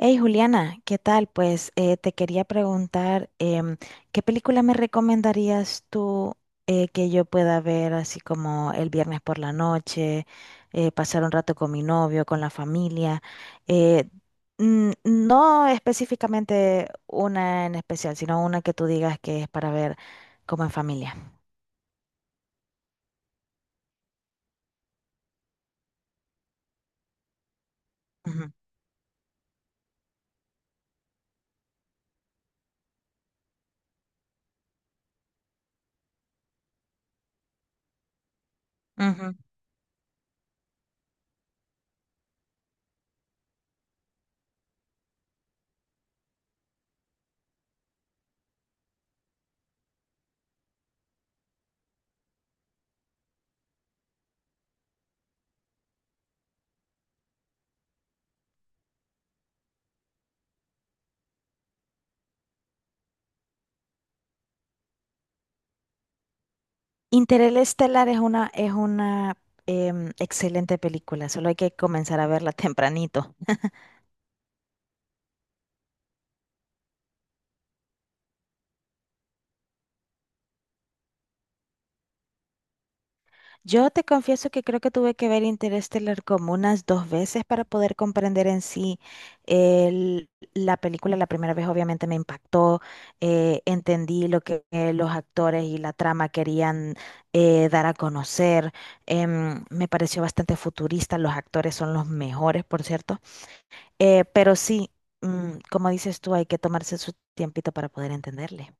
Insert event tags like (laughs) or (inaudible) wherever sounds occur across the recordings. Hey Juliana, ¿qué tal? Pues te quería preguntar, ¿qué película me recomendarías tú que yo pueda ver así como el viernes por la noche, pasar un rato con mi novio, con la familia? Eh, no específicamente una en especial, sino una que tú digas que es para ver como en familia. Ujú, ujú. Interestelar es una, excelente película, solo hay que comenzar a verla (laughs) tempranito. Yo te confieso que creo que tuve que ver Interestelar como unas dos veces para poder comprender en sí el- la película. La primera vez obviamente me impactó, entendí lo que los actores y la trama querían dar a conocer. Me pareció bastante futurista, los actores son los mejores, por cierto. Pero sí, como dices tú, hay que tomarse su tiempito para poder entenderle.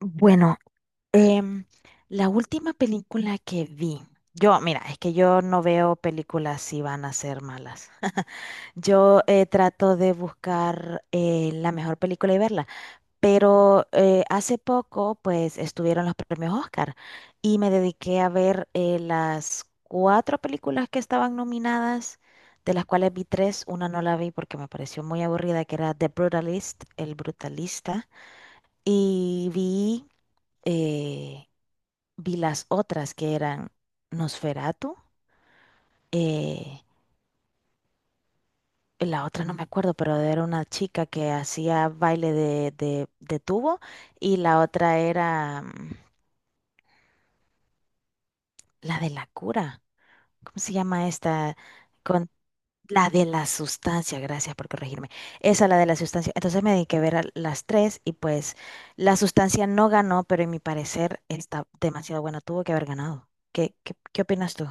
Bueno, em, la última película que vi, yo, mira, es que yo no veo películas si van a ser malas. (laughs) Yo trato de buscar la mejor película y verla. Pero hace poco, pues, estuvieron los premios Oscar y me dediqué a ver las cuatro películas que estaban nominadas, de las cuales vi tres. Una no la vi porque me pareció muy aburrida, que era The Brutalist, El Brutalista. Y vi, eh, vi las otras que eran Nosferatu. eh, la otra no me acuerdo, pero era una chica que hacía baile de, de tubo y la otra era... mm, la de la cura. ¿Cómo se llama esta? Con la de la sustancia, gracias por corregirme. Esa, la de la sustancia. Entonces me dediqué a ver a las tres y pues la sustancia no ganó, pero en mi parecer está demasiado buena. Tuvo que haber ganado. ¿Qué opinas tú?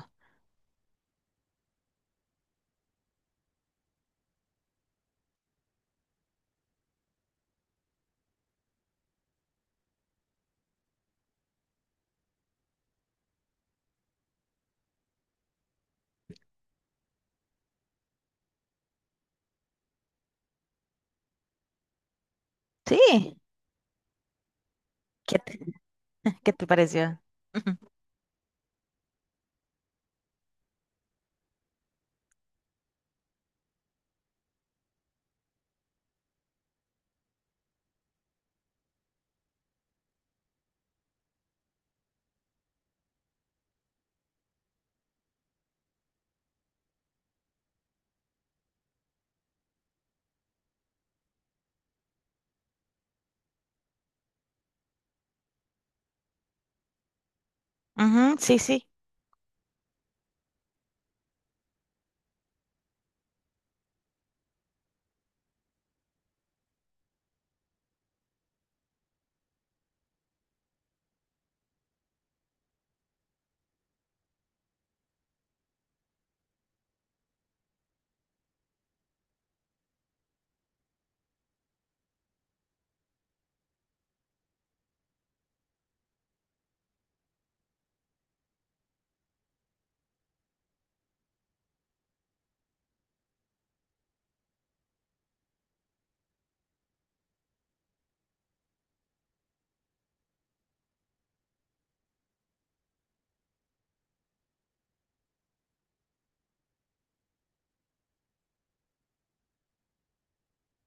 Sí. ¿Qué te, (laughs) ¿Qué te pareció? Ujú. Ujú, sí, sí.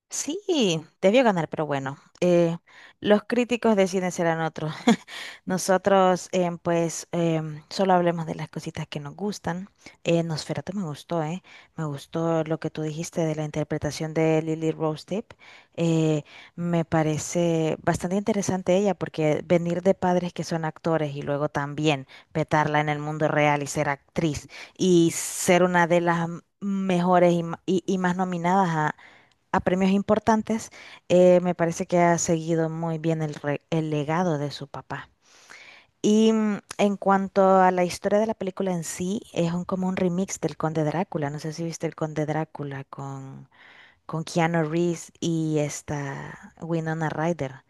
Sí, debió ganar, pero bueno, los críticos deciden serán otros. (laughs) Nosotros, pues, solo hablemos de las cositas que nos gustan. Nosferatu me gustó, ¿eh? Me gustó lo que tú dijiste de la interpretación de Lily Rose Depp. Eh, Me parece bastante interesante ella, porque venir de padres que son actores y luego también petarla en el mundo real y ser actriz y ser una de las mejores y más nominadas a premios importantes, me parece que ha seguido muy bien el legado de su papá. Y en cuanto a la historia de la película en sí, como un remix del Conde Drácula. No sé si viste el Conde Drácula con Keanu Reeves y esta Winona Ryder.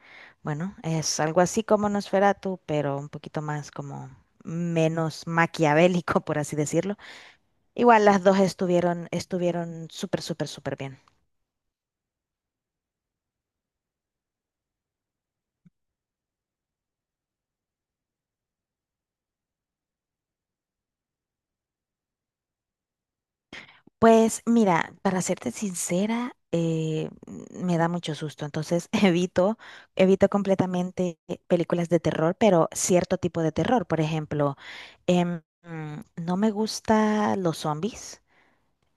Bueno, es algo así como Nosferatu, pero un poquito más como menos maquiavélico, (laughs) por así decirlo. Igual las dos estuvieron, estuvieron súper, súper, súper bien. Pues mira, para serte sincera, me da mucho susto, entonces (laughs) evito, evito completamente películas de terror, pero cierto tipo de terror. Por ejemplo, no me gusta los zombies,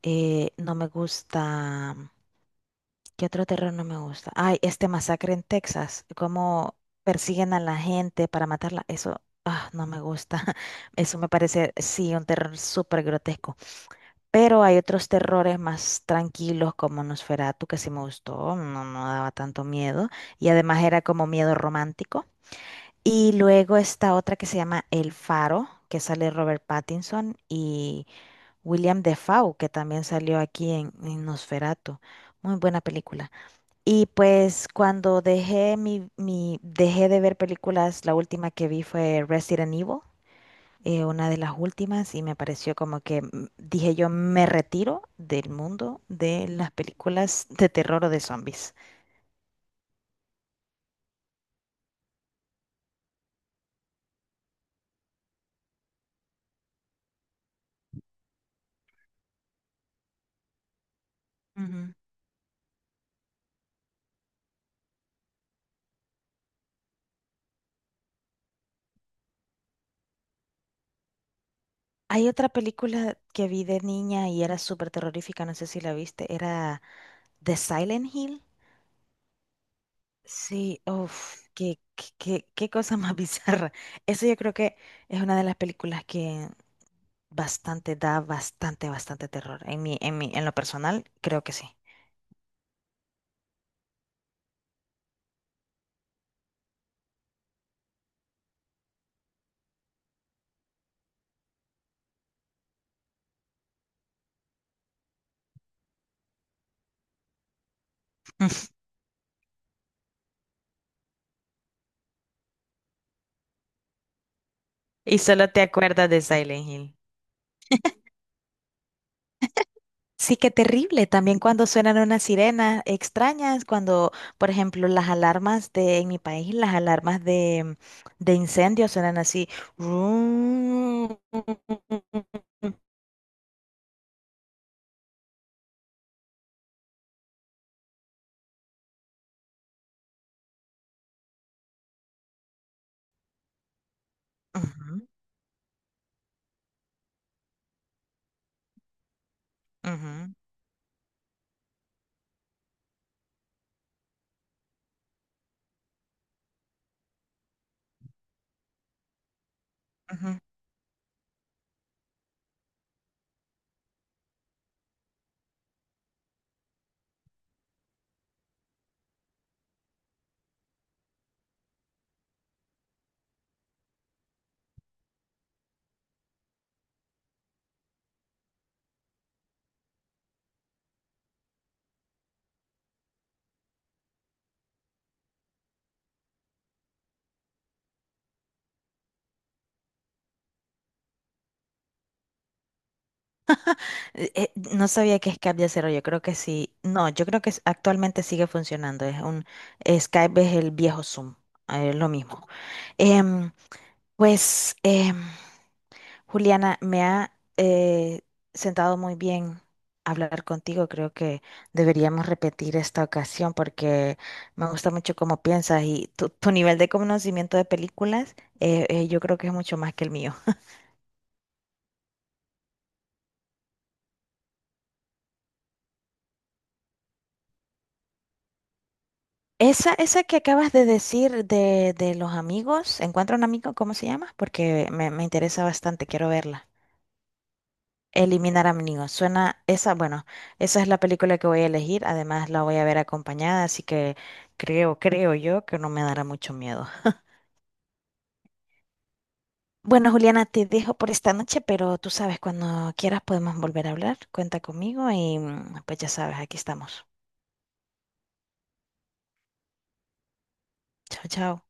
no me gusta, ¿qué otro terror no me gusta? Ay, este masacre en Texas, cómo persiguen a la gente para matarla, eso ah, no me gusta, (laughs) eso me parece, sí, un terror súper grotesco. Pero hay otros terrores más tranquilos como Nosferatu, que sí me gustó, no, no daba tanto miedo. Y además era como miedo romántico. Y luego está otra que se llama El Faro, que sale Robert Pattinson y William Defoe, que también salió aquí en Nosferatu. Muy buena película. Y pues cuando dejé dejé de ver películas, la última que vi fue Resident Evil una de las últimas y me pareció como que dije yo me retiro del mundo de las películas de terror o de zombies. Ujú. Hay otra película que vi de niña y era súper terrorífica, no sé si la viste, era The Silent Hill. Sí, uff, qué cosa más (laughs) bizarra. Eso yo creo que es una de las películas que bastante, da bastante, bastante (laughs) Sí, qué terrible. También cuando suenan unas sirenas extrañas, cuando, por ejemplo, las alarmas de, en mi país, las alarmas de incendio suenan así. Rum. Ujú, ujú, ujú. No sabía que Skype ya cerró, yo creo que sí. No, yo creo que actualmente sigue funcionando. Es un Skype es el viejo Zoom, lo mismo. Em, pues, Juliana, me ha sentado muy bien hablar contigo. Creo que deberíamos repetir esta ocasión porque me gusta mucho cómo piensas y tu nivel de conocimiento de películas, yo creo que es mucho más que el mío. Esa que acabas de decir de los amigos, ¿Encuentra un amigo? ¿Cómo se llama? Porque me interesa bastante, quiero verla. Eliminar a mi niño. Suena esa, bueno, esa es la película que voy a elegir. Además, la voy a ver acompañada, así que creo yo que no me dará mucho miedo. Bueno, Juliana, te dejo por esta noche, pero tú sabes, cuando quieras podemos volver a hablar. Cuenta conmigo y pues ya sabes, aquí estamos. Chao, chao.